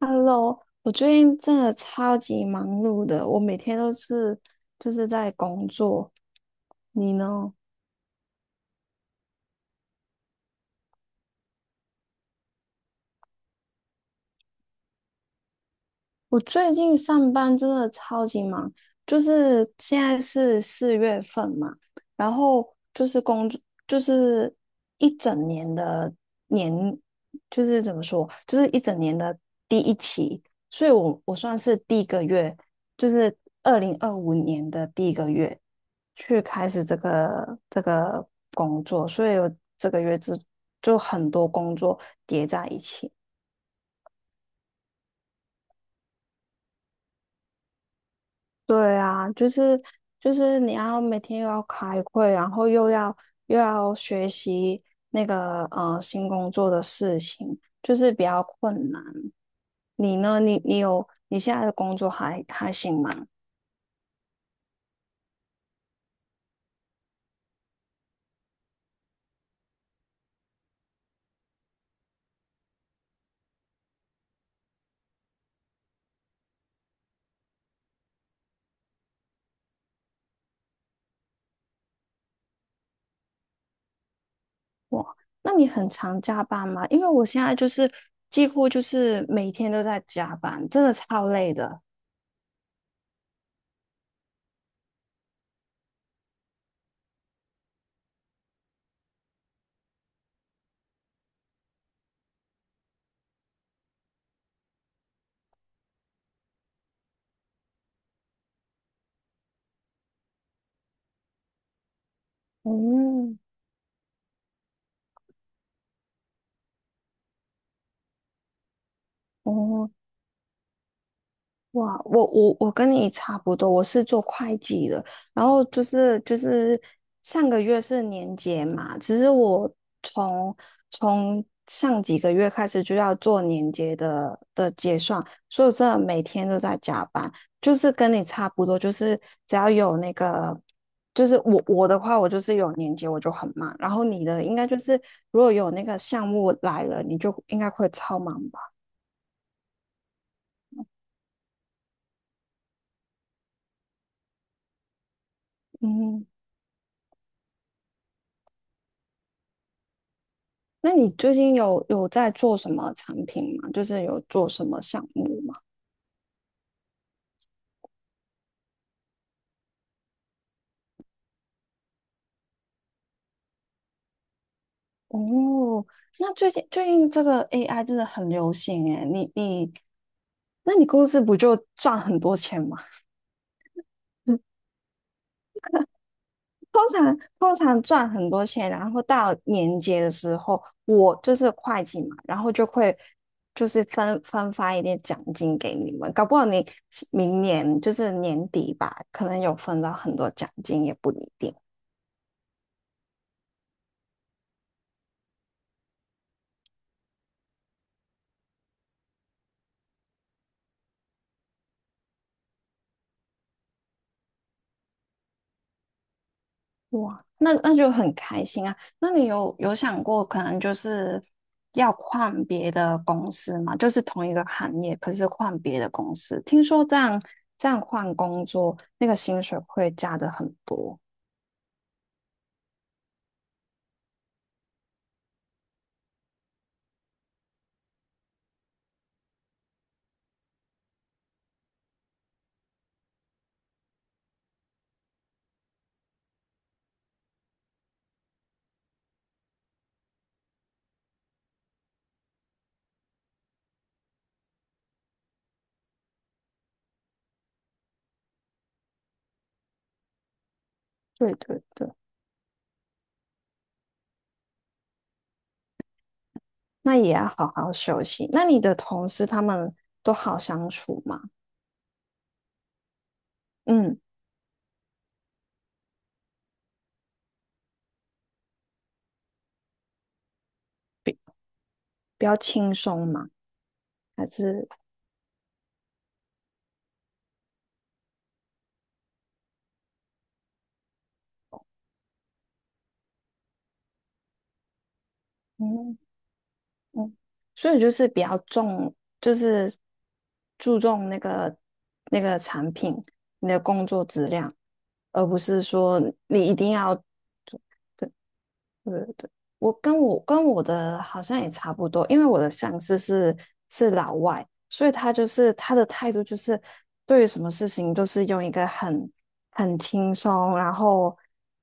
Hello，我最近真的超级忙碌的，我每天都是就是在工作。你呢？我最近上班真的超级忙，就是现在是4月份嘛，然后就是工作，就是一整年的年，就是怎么说，就是一整年的第一期，所以我算是第一个月，就是2025年的第一个月去开始这个工作，所以我这个月就很多工作叠在一起。对啊，就是你要每天又要开会，然后又要学习那个新工作的事情，就是比较困难。你呢？你有你现在的工作还行吗？哇，那你很常加班吗？因为我现在就是几乎就是每天都在加班，真的超累的。嗯，哦，哇，我跟你差不多，我是做会计的，然后就是上个月是年结嘛，其实我从从上几个月开始就要做年结的结算，所以我真的每天都在加班，就是跟你差不多，就是只要有那个，就是我的话，我就是有年结我就很忙，然后你的应该就是如果有那个项目来了，你就应该会超忙吧？嗯。那你最近有在做什么产品吗？就是有做什么项目吗？哦，那最近这个 AI 真的很流行诶，那你公司不就赚很多钱吗？嗯通常赚很多钱，然后到年节的时候，我就是会计嘛，然后就会就是分发一点奖金给你们，搞不好你明年就是年底吧，可能有分到很多奖金也不一定。哇，那就很开心啊！那你有想过，可能就是要换别的公司吗？就是同一个行业，可是换别的公司。听说这样换工作，那个薪水会加的很多。对对对，那也要好好休息。那你的同事他们都好相处吗？嗯，比比较轻松吗？还是嗯嗯，所以就是比较重，就是注重那个那个产品，你的工作质量，而不是说你一定要。对对对，我跟我的好像也差不多，因为我的上司是老外，所以他就是他的态度就是对于什么事情都是用一个很轻松，然后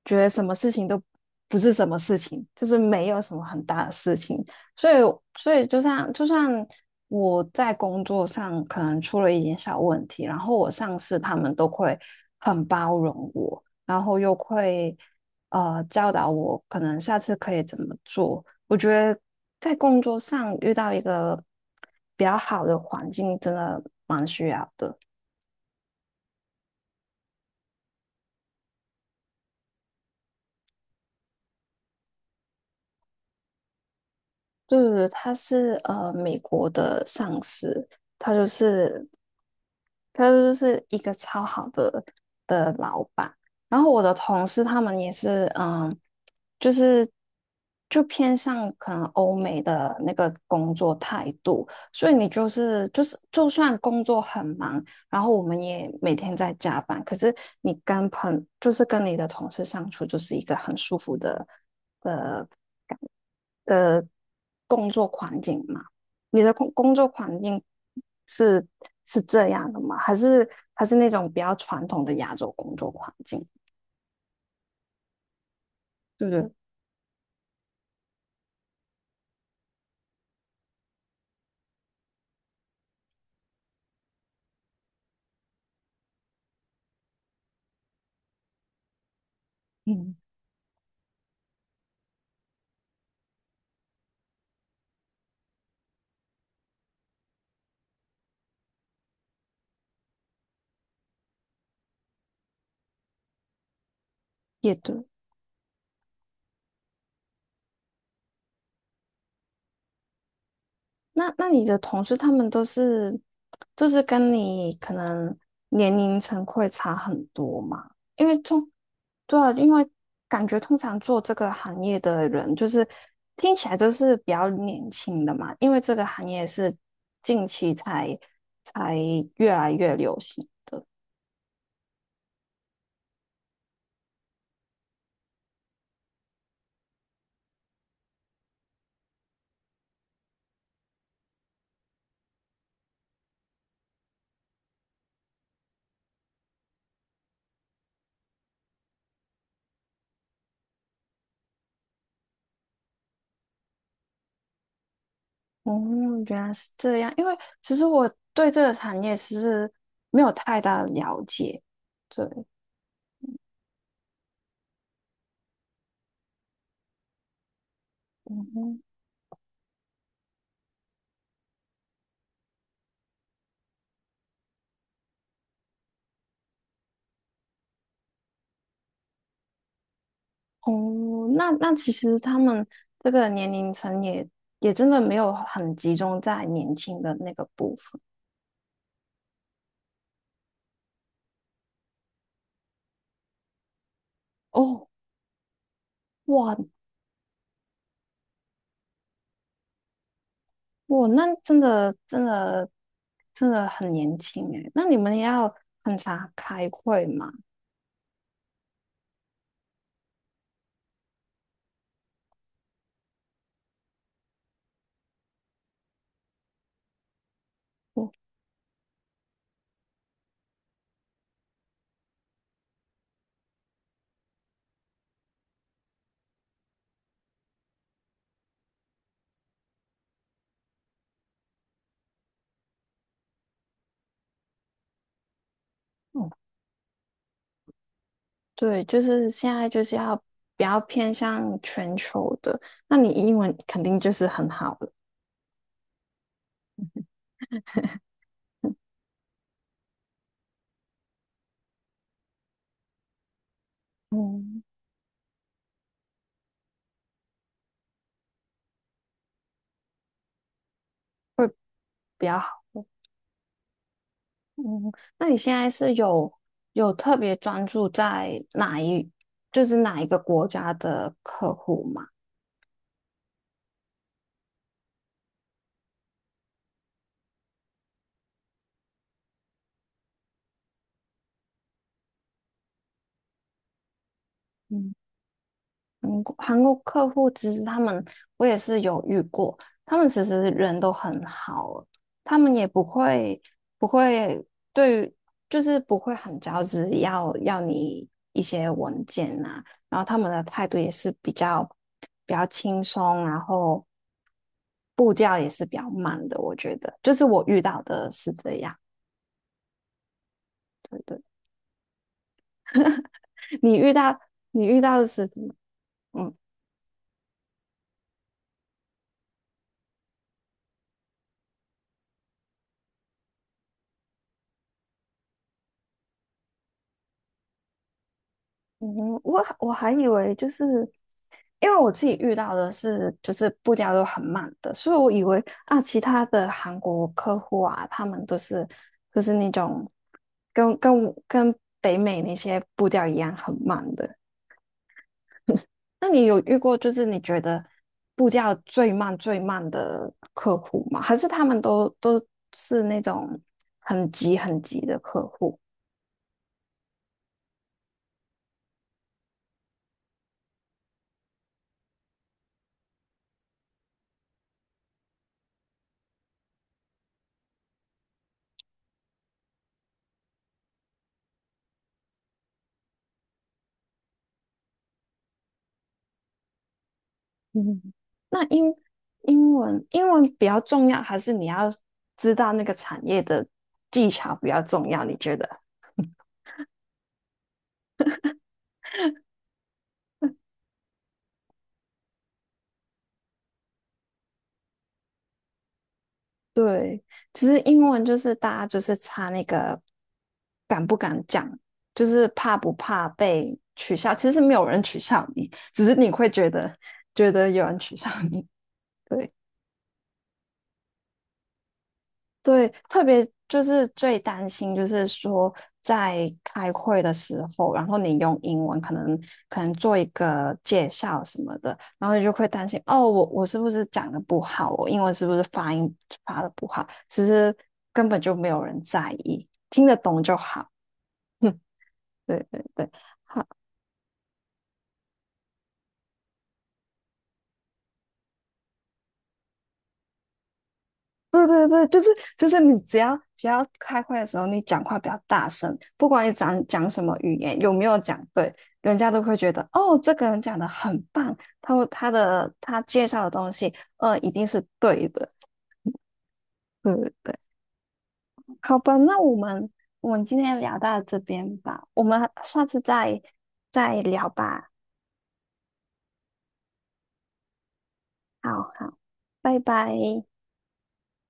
觉得什么事情都不是什么事情，就是没有什么很大的事情，所以就像就算我在工作上可能出了一点小问题，然后我上司他们都会很包容我。然后又会教导我，可能下次可以怎么做。我觉得在工作上遇到一个比较好的环境，真的。对对对，他是美国的上司，他就是他就是一个超好的老板。然后我的同事他们也是，就是偏向可能欧美的那个工作态度，所以你就是就是就算工作很忙，然后我们也每天在加班，可是你跟朋就是跟你的同事相处，就是一个很舒服的。呃。的工作环境嘛，你的工作环境是是这样的吗？还是那种比较传统的亚洲工作环境？对不对？嗯，也对。那你的同事他们都是，就是跟你可能年龄层会差很多嘛？因为通，对啊，因为感觉通常做这个行业的人，就是听起来都是比较年轻的嘛，因为这个行业是近期才越来越流行的。哦，原来是这样。因为其实我对这个产业其实没有太大的了解。对，哦，那其实他们这个年龄层也真的没有很集中在年轻的那个部分。哦，哇哇，那真的很年轻诶。那你们要很常开会嘛？哦，哦，对，就是现在就是要比较偏向全球的。那你英文肯定就是很好了，嗯，比较好。嗯，那你现在是有特别专注在哪一，就是哪一个国家的客户吗？嗯韩国客户其实他们，我也是有遇过，他们其实人都很好，他们也不会对于就是不会很着急要你一些文件呐、啊然后他们的态度也是比较轻松，然后步调也是比较慢的，我觉得，就是我遇到的是这样，对对，你遇到你遇到的是怎么？嗯嗯我还以为就是，因为我自己遇到的是就是步调都很慢的，所以我以为啊，其他的韩国客户啊，他们都是就是那种跟北美那些步调一样很慢的。那你有遇过就是你觉得步调最慢最慢的客户吗？还是他们都是那种很急很急的客户？嗯，那英文比较重要，还是你要知道那个产业的技巧比较重要？你觉得？对，其实英文就是大家就是差那个敢不敢讲，就是怕不怕被取笑。其实没有人取笑你，只是你会觉得有人取笑你。对，对，特别就是最担心，就是说在开会的时候，然后你用英文可能做一个介绍什么的，然后你就会担心哦，我是不是讲的不好，我英文是不是发音发的不好？其实根本就没有人在意，听得懂就好。对对对，好。对对对，就是你只要开会的时候，你讲话比较大声，不管你讲什么语言，有没有讲对，人家都会觉得哦，这个人讲的很棒，他介绍的东西，一定是对的。对对对，好吧，那我们今天聊到这边吧，我们下次再聊吧。好好，拜拜。